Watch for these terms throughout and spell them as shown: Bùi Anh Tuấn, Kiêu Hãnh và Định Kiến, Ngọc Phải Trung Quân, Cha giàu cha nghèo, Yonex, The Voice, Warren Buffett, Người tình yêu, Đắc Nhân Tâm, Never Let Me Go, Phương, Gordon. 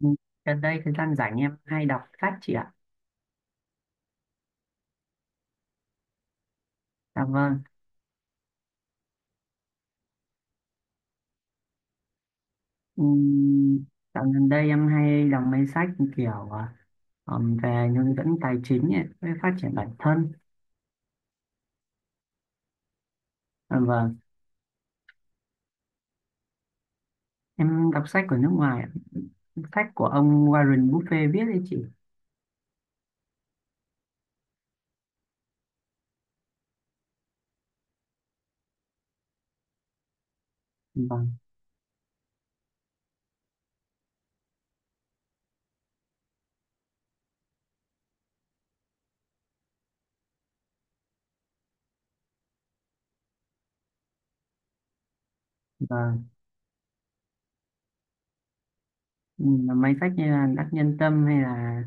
Ừ, Gần đây thời gian rảnh em hay đọc sách chị ạ. Dạ vâng. Ừm, Dạo gần đây em hay đọc mấy sách kiểu về hướng dẫn tài chính ấy, với phát triển bản thân. Dạ vâng. Em đọc sách của nước ngoài, ạ. Sách của ông Warren Buffett viết đấy chị. Dạ vâng, dạ vâng. Là mấy sách như là Đắc Nhân Tâm hay là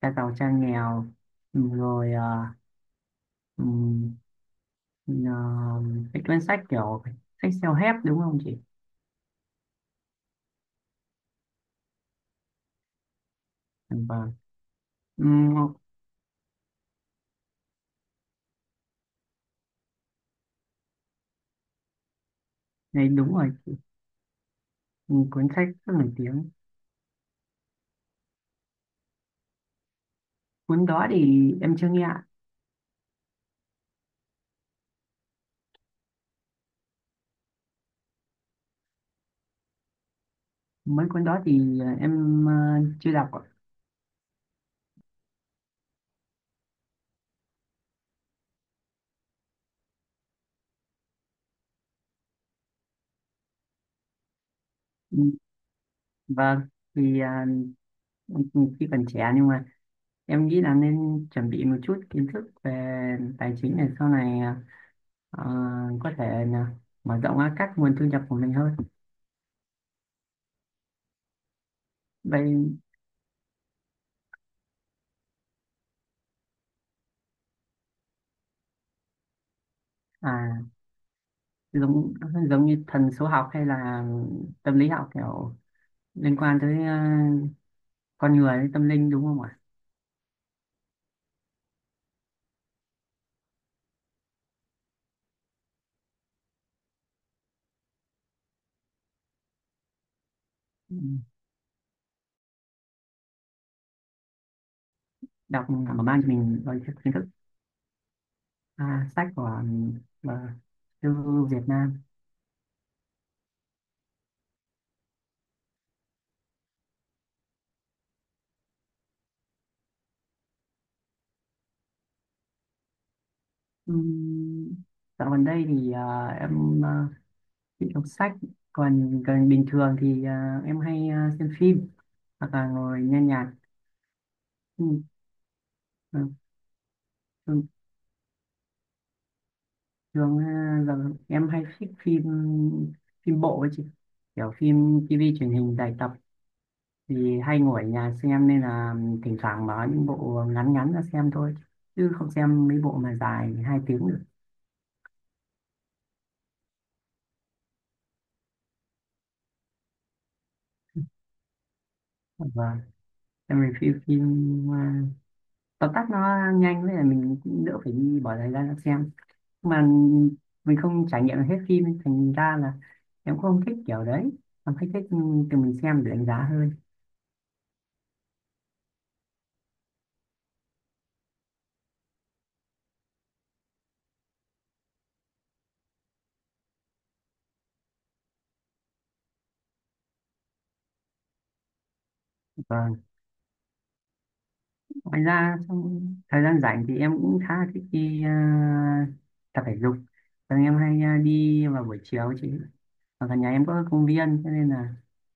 Cha giàu cha nghèo, Ừm, rồi à, ừm, ờ, cái cuốn sách kiểu sách self-help đúng không chị? Dạ vâng. Ừm, Đấy đúng rồi. Ừ, cuốn sách rất nổi tiếng. Cuốn đó thì em chưa nghe ạ. Mấy cuốn đó thì em chưa đọc ạ. Ừ, vâng, thì khi còn trẻ nhưng mà em nghĩ là nên chuẩn bị một chút kiến thức về tài chính để sau này ờ, có thể là mở rộng ra các nguồn thu nhập của mình hơn vậy. À, giống giống như thần số học hay là tâm lý học kiểu liên quan tới con người tâm linh đúng không ạ? Ừ, đọc mở mang cho mình đôi chút kiến thức. À, sách của mà, thư Việt Nam. Ừm, Dạo gần đây thì em thích đọc sách, còn còn bình thường thì em hay xem phim hoặc là ngồi nghe nhạc. Ừm, à, thường thường à, giờ em hay thích phim phim bộ ấy chị, kiểu phim TV truyền hình dài tập thì hay ngồi ở nhà xem nên là thỉnh thoảng mở những bộ ngắn ngắn ra xem thôi chứ không xem mấy bộ mà dài hai tiếng được. Vâng, em review phim à, tóm tắt nó nhanh với là mình cũng đỡ phải đi bỏ thời gian ra xem mà mình không trải nghiệm được hết phim thành ra là em cũng không thích kiểu đấy. Em thích thích từ mình xem để đánh giá hơn. Vâng, ngoài ra trong thời gian rảnh thì em cũng khá là thích đi tập thể dục. Thường em hay đi vào buổi chiều chị, ở gần nhà em có công viên cho nên là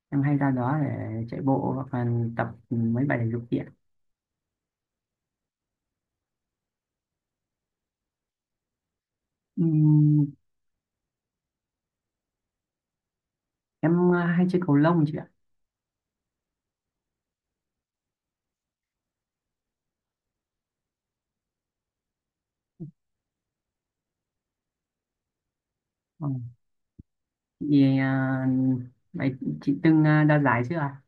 em hay ra đó để chạy bộ hoặc là tập mấy bài thể dục kia. Ừm, em hay chơi cầu lông chị ạ. Vâng. Vì vậy chị từng đạt giải chưa ạ?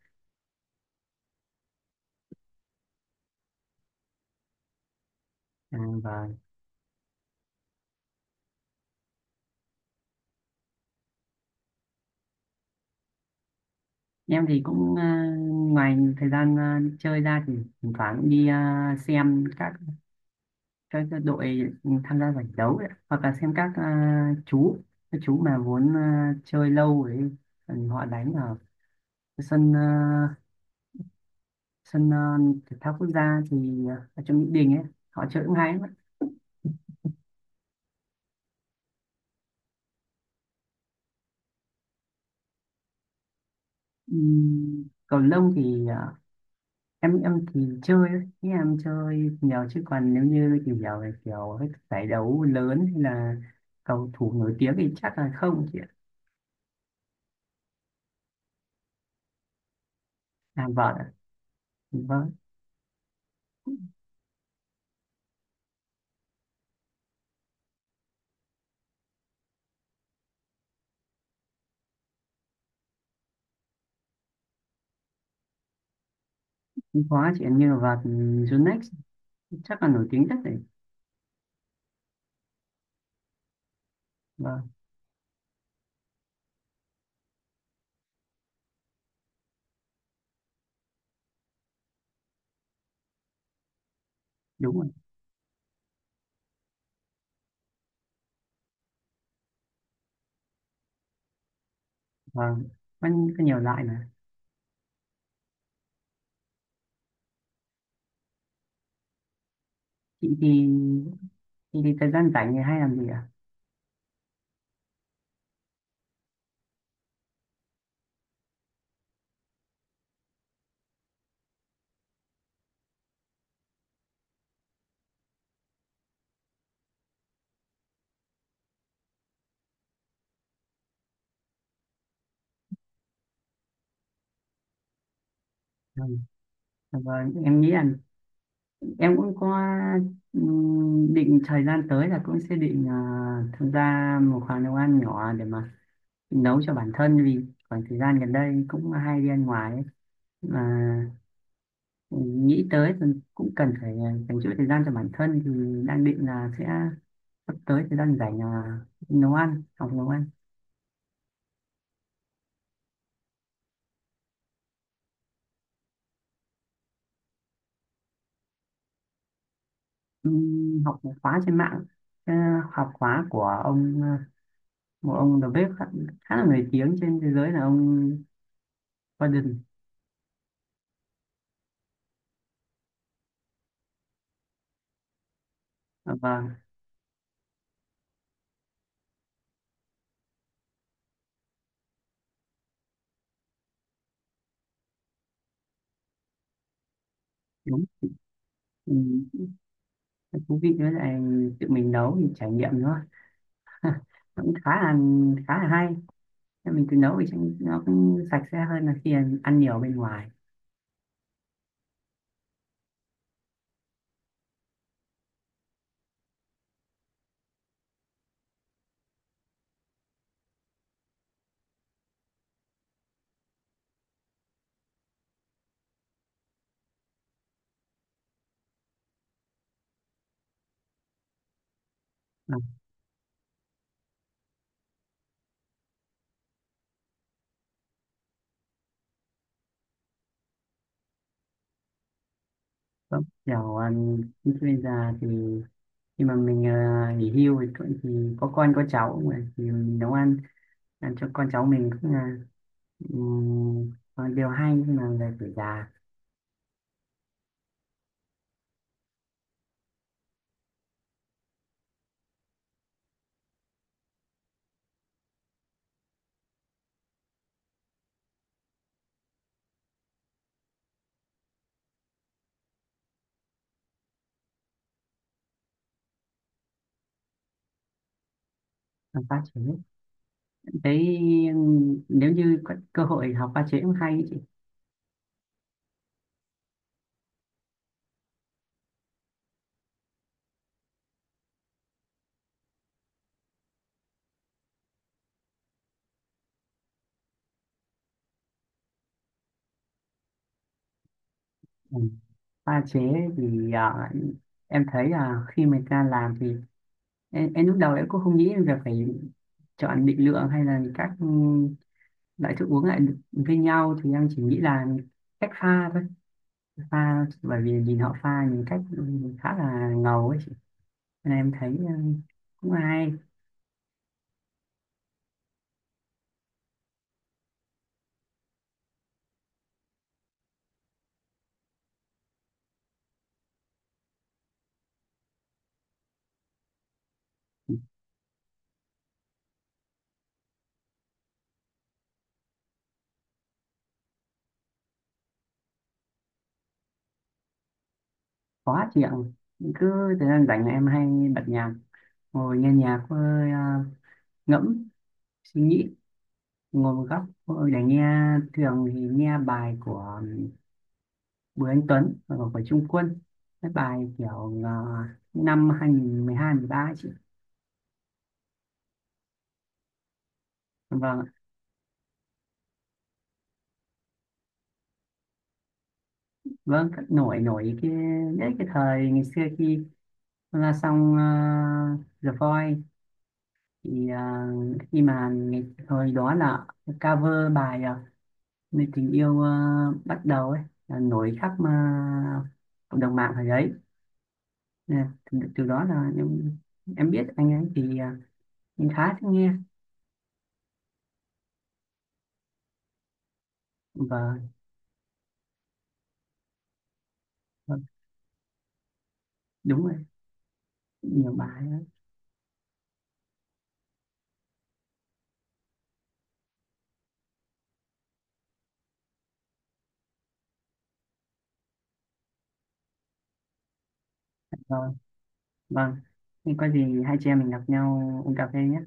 À, vâng. Em thì cũng ngoài thời gian chơi ra thì thỉnh thoảng cũng đi xem các đội tham gia giải đấu ấy, hoặc là xem các chú các chú mà muốn chơi lâu ấy, còn họ đánh ở sân sân thể thao quốc gia thì ở trong Mỹ Đình ấy, họ chơi cũng hay lắm. Cầu lông thì em thì chơi ấy, ý em chơi nhiều chứ còn nếu như tìm hiểu về kiểu các giải đấu lớn hay là cầu thủ nổi tiếng thì chắc là không chị ạ. À, vợt ạ? Vâng, cũng có chị ạ, như là vợt Yonex chắc là nổi tiếng nhất đấy. Vâng, đúng rồi. Vâng, có, có nhiều loại mà. Chị thì thì thời gian rảnh thì hay làm gì ạ? Vâng, vâng, em nghĩ là em cũng có định thời gian tới là cũng sẽ định tham gia một khoảng nấu ăn nhỏ để mà nấu cho bản thân vì khoảng thời gian gần đây cũng hay đi ăn ngoài ấy. Mà nghĩ tới thì cũng cần phải dành chút thời gian cho bản thân thì đang định là sẽ sắp tới thời gian rảnh là nấu ăn, học nấu ăn. Học một khóa trên mạng. Ờ, Học khóa của ông một ông đầu bếp khá là nổi tiếng trên thế giới là ông Gordon. Ờ, vâng, đúng. Ừm, Thú vị với lại tự mình nấu thì trải nghiệm nữa cũng khá là hay. Nên mình tự nấu thì trông nó cũng sạch sẽ hơn là khi ăn ăn nhiều bên ngoài. Vâng, vâng. Kiểu khi bây giờ thì khi mà mình nghỉ hưu thì, thì có con có cháu mà thì mình nấu ăn ăn cho con cháu mình cũng là điều hay nhưng mà về tuổi già. Học pha chế thấy nếu như có cơ hội học pha chế cũng hay ấy chị. Ừ. Pha chế thì em thấy là khi mình ta làm thì em lúc đầu em cũng không nghĩ là phải chọn định lượng hay là các loại thức uống lại được với nhau, thì em chỉ nghĩ là cách pha thôi, pha bởi vì nhìn họ pha những cách khá là ngầu ấy chị, nên em thấy cũng hay. Khó chịu, cứ thời gian rảnh là em hay bật nhạc ngồi nghe nhạc với ngẫm suy nghĩ, ngồi một góc ôi, để nghe. Thường thì nghe bài của Bùi Anh Tuấn và Ngọc Phải Trung Quân, cái bài kiểu năm 2012 13 ấy chị. Vâng ạ. Nổi nổi cái đấy, cái thời ngày xưa khi là xong The Voice thì khi mà ngày, thời đó là cover bài Người tình yêu bắt đầu ấy, là nổi khắp cộng đồng mạng thời đấy. Nè, từ đó là em biết anh ấy thì em khá thích nghe. và và đúng rồi, nhiều bài lắm. Vâng. Vâng, thì có gì hai chị em mình gặp nhau uống cà phê nhé.